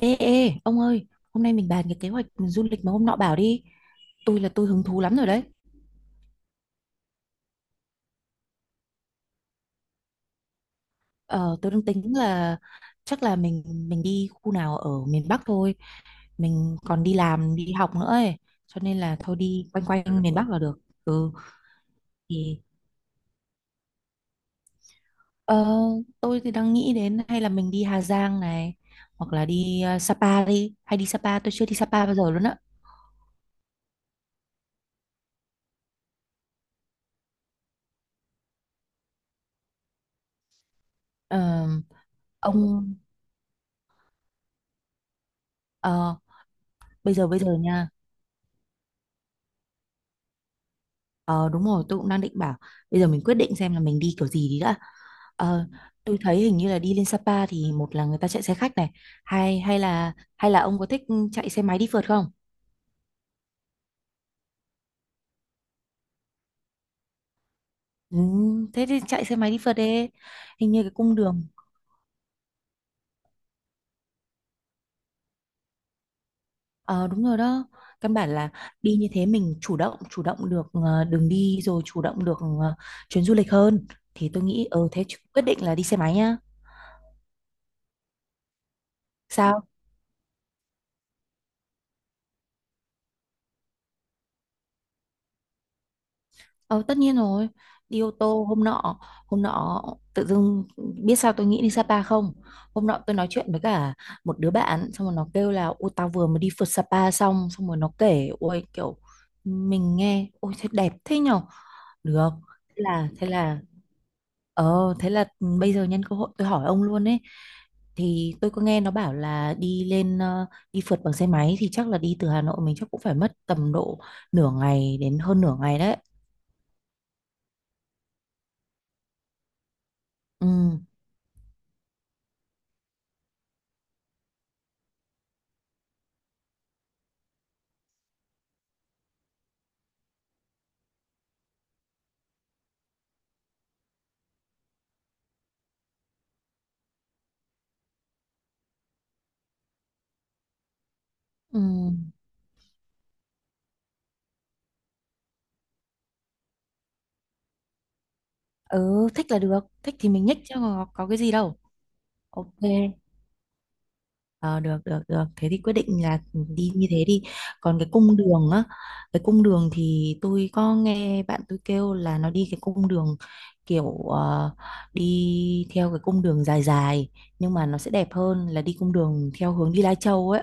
Ê, ê, ông ơi, hôm nay mình bàn cái kế hoạch du lịch mà hôm nọ bảo đi. Tôi là tôi hứng thú lắm rồi đấy. Ờ, tôi đang tính là chắc là mình đi khu nào ở miền Bắc thôi. Mình còn đi làm, đi học nữa ấy. Cho nên là thôi đi quanh quanh miền Bắc là được. Ừ, thì ờ, tôi thì đang nghĩ đến hay là mình đi Hà Giang này. Hoặc là đi Sapa đi. Hay đi Sapa, tôi chưa đi Sapa bao giờ luôn á. Ờ, ông, ờ, bây giờ nha. Ờ đúng rồi, tôi cũng đang định bảo bây giờ mình quyết định xem là mình đi kiểu gì đi đã. Ờ, tôi thấy hình như là đi lên Sapa thì một là người ta chạy xe khách này, hay hay là ông có thích chạy xe máy đi phượt không? Ừ, thế thì chạy xe máy đi phượt đi. Hình như cái cung đường. Ờ đúng rồi đó. Căn bản là đi như thế mình chủ động được đường đi rồi chủ động được chuyến du lịch hơn, thì tôi nghĩ thế quyết định là đi xe máy nhá. Sao? Ờ, tất nhiên rồi. Đi ô tô hôm nọ, hôm nọ tự dưng biết sao tôi nghĩ đi Sapa không. Hôm nọ tôi nói chuyện với cả một đứa bạn xong rồi nó kêu là ôi tao vừa mới đi phượt Sapa xong, xong rồi nó kể ôi kiểu mình nghe ôi thế đẹp thế nhở được. Thế là thế là ờ thế là bây giờ nhân cơ hội tôi hỏi ông luôn ấy. Thì tôi có nghe nó bảo là đi lên đi phượt bằng xe máy thì chắc là đi từ Hà Nội mình chắc cũng phải mất tầm độ nửa ngày đến hơn nửa ngày đấy. Ừ, ừ. Ừ, thích là được, thích thì mình nhích chứ có cái gì đâu. Ok, ờ, được, được, được. Thế thì quyết định là đi như thế đi. Còn cái cung đường á, cái cung đường thì tôi có nghe bạn tôi kêu là nó đi cái cung đường kiểu đi theo cái cung đường dài dài, nhưng mà nó sẽ đẹp hơn là đi cung đường theo hướng đi Lai Châu ấy.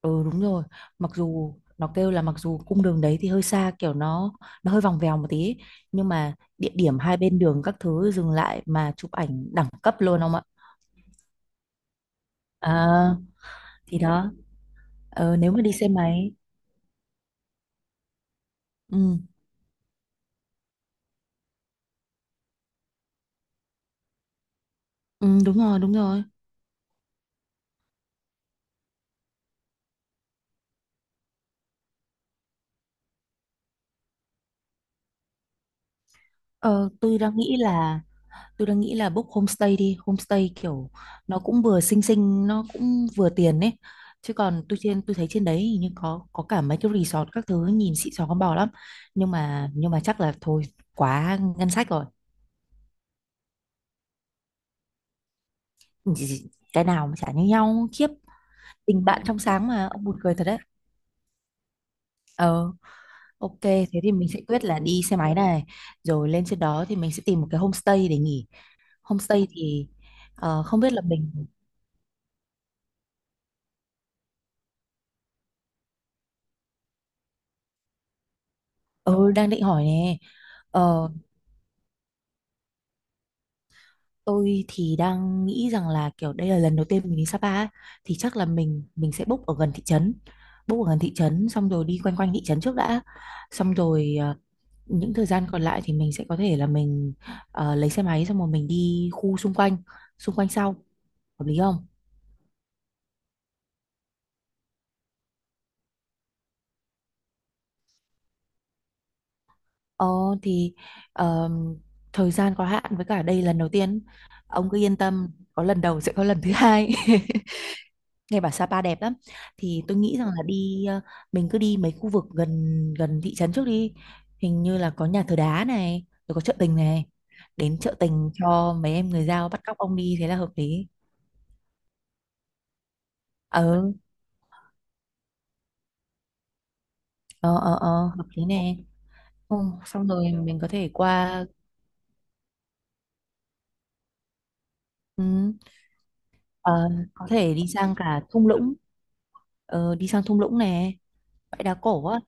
Ừ đúng rồi. Mặc dù nó kêu là mặc dù cung đường đấy thì hơi xa, kiểu nó hơi vòng vèo một tí ấy. Nhưng mà địa điểm hai bên đường các thứ dừng lại mà chụp ảnh đẳng cấp luôn ông ạ. à, thì đó. Nếu mà đi xe máy. Ừ, ừ đúng rồi đúng rồi. ờ, tôi đang nghĩ là Tôi đang nghĩ là book homestay đi, homestay kiểu nó cũng vừa xinh xinh, nó cũng vừa tiền ấy. Chứ còn tôi trên tôi thấy trên đấy hình như có cả mấy cái resort các thứ nhìn xịn sò con bò lắm. Nhưng mà chắc là thôi, quá ngân sách rồi. Cái nào mà chả như nhau khiếp. Tình bạn trong sáng mà ông buồn cười thật đấy. Ờ ok thế thì mình sẽ quyết là đi xe máy này, rồi lên trên đó thì mình sẽ tìm một cái homestay để nghỉ. Homestay thì không biết là mình ừ, đang định hỏi nè. Ờ, Tôi thì đang nghĩ rằng là kiểu đây là lần đầu tiên mình đi Sapa ấy, thì chắc là mình sẽ book ở gần thị trấn. Book ở gần thị trấn xong rồi đi quanh quanh thị trấn trước đã. Xong rồi những thời gian còn lại thì mình sẽ có thể là mình lấy xe máy xong rồi mình đi khu xung quanh sau. Hợp lý không? Ờ thì ờm, thời gian có hạn với cả đây lần đầu tiên. Ông cứ yên tâm, có lần đầu sẽ có lần thứ hai. Nghe bảo Sapa đẹp lắm, thì tôi nghĩ rằng là đi mình cứ đi mấy khu vực gần gần thị trấn trước đi, hình như là có nhà thờ đá này rồi có chợ tình này, đến chợ tình cho mấy em người Dao bắt cóc ông đi thế là hợp lý. ờ ờ, Hợp lý nè. ừ, Xong rồi mình có thể qua. ừ, ờ, có thể đi sang cả thung lũng, đi sang thung lũng nè, bãi đá cổ á.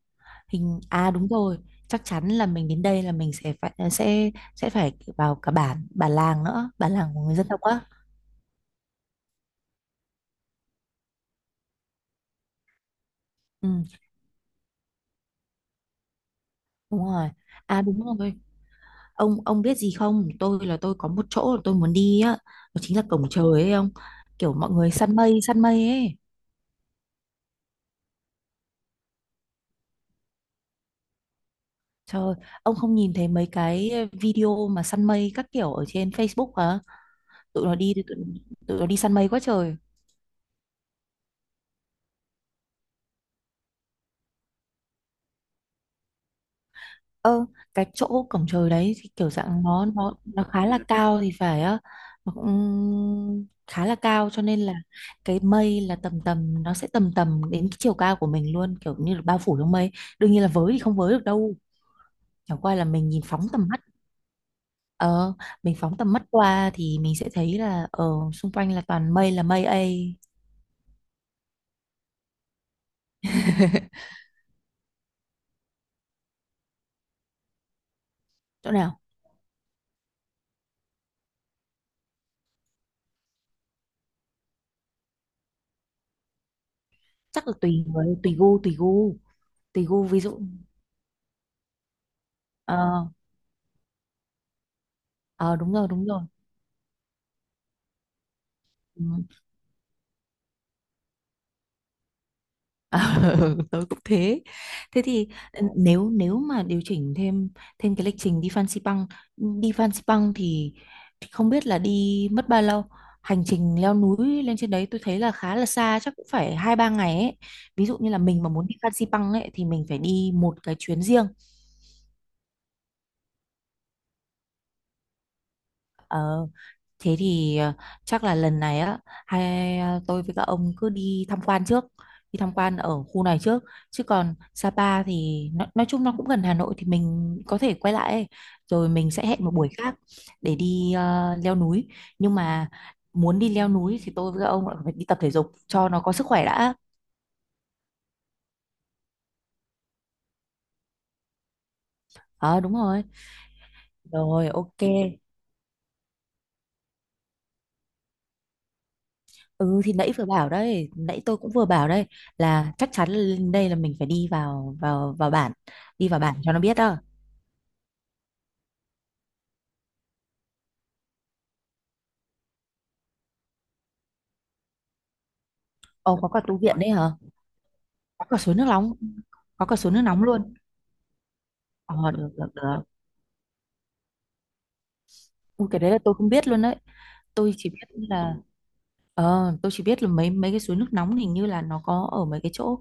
Hình à Đúng rồi, chắc chắn là mình đến đây là mình sẽ phải vào cả bản, bản làng nữa, bản làng của người dân tộc á. Ừ, đúng rồi. Đúng rồi, ông biết gì không, tôi là tôi có một chỗ là tôi muốn đi á, đó chính là cổng trời ấy ông, kiểu mọi người săn mây ấy. Trời ơi, ông không nhìn thấy mấy cái video mà săn mây các kiểu ở trên Facebook hả? Tụi nó đi tụi nó đi săn mây quá trời. Ờ, cái chỗ cổng trời đấy thì kiểu dạng nó khá là cao thì phải á, nó cũng khá là cao cho nên là cái mây là tầm tầm, nó sẽ tầm tầm đến cái chiều cao của mình luôn, kiểu như là bao phủ trong mây. Đương nhiên là với thì không với được đâu, chẳng qua là mình nhìn phóng tầm mắt. ờ mình phóng tầm mắt qua thì mình sẽ thấy là xung quanh là toàn mây là mây ấy. Chỗ nào? Chắc là tùy người, tùy gu, tùy gu tùy gu ví dụ. ờ ờ Đúng rồi đúng rồi. Ừ. Ờ, tôi cũng thế. Thế thì nếu nếu mà điều chỉnh thêm thêm cái lịch trình đi Fansipan thì không biết là đi mất bao lâu. Hành trình leo núi lên trên đấy tôi thấy là khá là xa, chắc cũng phải hai ba ngày ấy. Ví dụ như là mình mà muốn đi Fansipan ấy thì mình phải đi một cái chuyến riêng. Ờ, Thế thì chắc là lần này á, tôi với các ông cứ đi tham quan trước, đi tham quan ở khu này trước, chứ còn Sapa thì nó, nói chung nó cũng gần Hà Nội thì mình có thể quay lại ấy. Rồi mình sẽ hẹn một buổi khác để đi leo núi. Nhưng mà muốn đi leo núi thì tôi với các ông lại phải đi tập thể dục cho nó có sức khỏe đã. Ờ đúng rồi. Rồi ok. Ừ thì nãy vừa bảo đấy, nãy tôi cũng vừa bảo đây là chắc chắn là lên đây là mình phải đi vào vào vào bản, đi vào bản cho nó biết đó. Ồ có cả tủ viện đấy hả? Có cả suối nước nóng. Có cả suối nước nóng luôn. Ồ được được được. Ui, cái đấy là tôi không biết luôn đấy. Tôi chỉ biết là mấy mấy cái suối nước nóng hình như là nó có ở mấy cái chỗ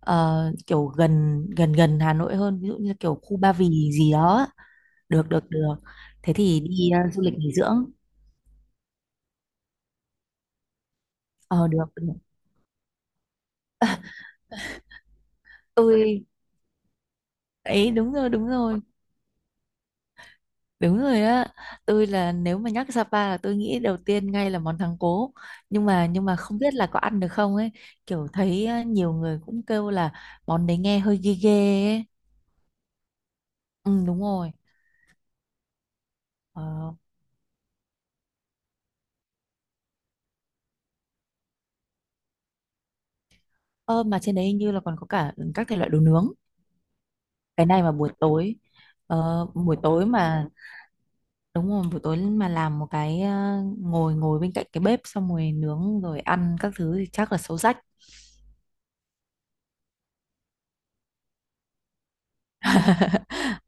ờ, kiểu gần gần gần Hà Nội hơn, ví dụ như kiểu khu Ba Vì gì đó á. Được được được. Thế thì đi du lịch nghỉ dưỡng. Ờ được, được. Tôi ấy đúng rồi đúng rồi. Đúng rồi á, tôi là nếu mà nhắc Sapa là tôi nghĩ đầu tiên ngay là món thắng cố. Nhưng mà không biết là có ăn được không ấy, kiểu thấy á, nhiều người cũng kêu là món đấy nghe hơi ghê ghê ấy. Ừ đúng rồi. Ờ, Ơ, mà trên đấy hình như là còn có cả các thể loại đồ nướng. Cái này mà buổi tối ờ, buổi tối mà đúng rồi, buổi tối mà làm một cái ngồi ngồi bên cạnh cái bếp xong rồi nướng rồi ăn các thứ thì chắc là xấu rách.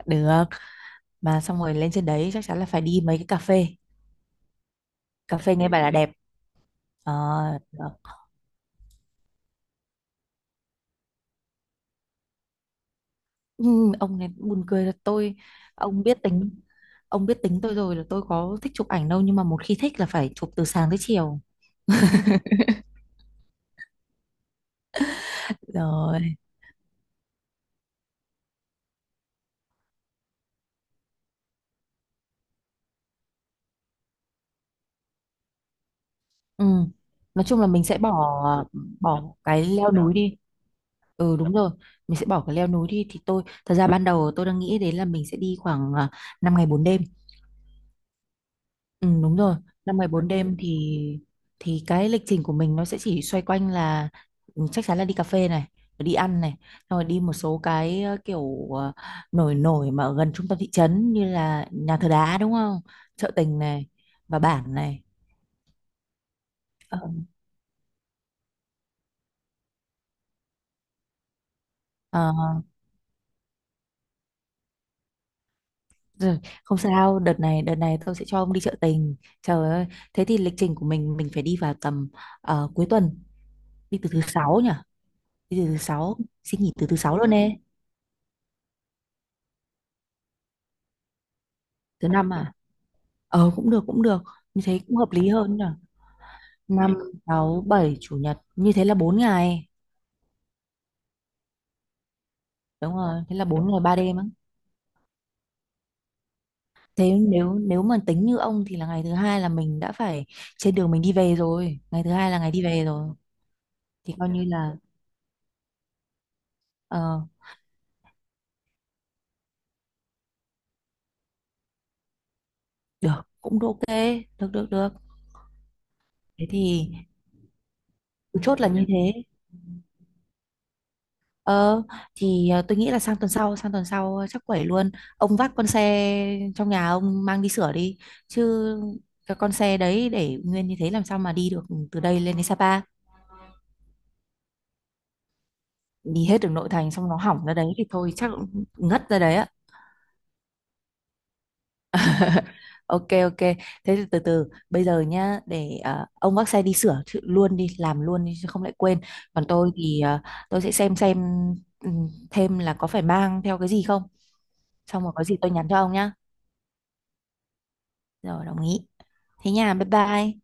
Được, mà xong rồi lên trên đấy chắc chắn là phải đi mấy cái cà phê. Cà phê nghe bảo là đẹp. Ờ, được. Ừ, ông này buồn cười là tôi ông biết tính ông biết tính tôi rồi là tôi có thích chụp ảnh đâu, nhưng mà một khi thích là phải chụp từ sáng tới chiều rồi. Ừ. Nói chung là mình sẽ bỏ bỏ cái leo núi đi. Ừ đúng rồi, mình sẽ bỏ cái leo núi đi, thì tôi thật ra ban đầu tôi đang nghĩ đến là mình sẽ đi khoảng 5 ngày 4 đêm. Ừ, đúng rồi, 5 ngày 4 đêm thì cái lịch trình của mình nó sẽ chỉ xoay quanh là chắc chắn là đi cà phê này, rồi đi ăn này, xong rồi đi một số cái kiểu nổi nổi mà ở gần trung tâm thị trấn như là nhà thờ đá đúng không? Chợ tình này và bản này. Ờ, ờ, Rồi, không sao, đợt này tôi sẽ cho ông đi chợ tình. Trời ơi, thế thì lịch trình của mình phải đi vào tầm cuối tuần, đi từ thứ sáu nhỉ? Đi từ thứ sáu, xin nghỉ từ thứ sáu luôn nè. Thứ năm à? Ờ cũng được cũng được. Như thế cũng hợp lý hơn nhỉ? Năm 6 7 chủ nhật, như thế là 4 ngày. Đúng rồi, thế là 4 ngày 3 đêm á. Thế nếu nếu mà tính như ông thì là ngày thứ hai là mình đã phải trên đường mình đi về rồi, ngày thứ hai là ngày đi về rồi. Thì coi như là ờ, được cũng được ok. Được được được. Thế thì chốt là như thế. Ờ thì tôi nghĩ là sang tuần sau chắc quẩy luôn. Ông vác con xe trong nhà ông mang đi sửa đi, chứ cái con xe đấy để nguyên như thế làm sao mà đi được từ đây lên đến Sapa. Đi hết đường nội thành xong nó hỏng ra đấy thì thôi chắc cũng ngất ra đấy ạ. Ok ok. Thế thì từ từ bây giờ nhá, để ông vác xe đi sửa luôn đi, làm luôn đi chứ không lại quên. Còn tôi thì tôi sẽ xem ừ, thêm là có phải mang theo cái gì không. Xong rồi có gì tôi nhắn cho ông nhá. Rồi, đồng ý. Thế nha, bye bye.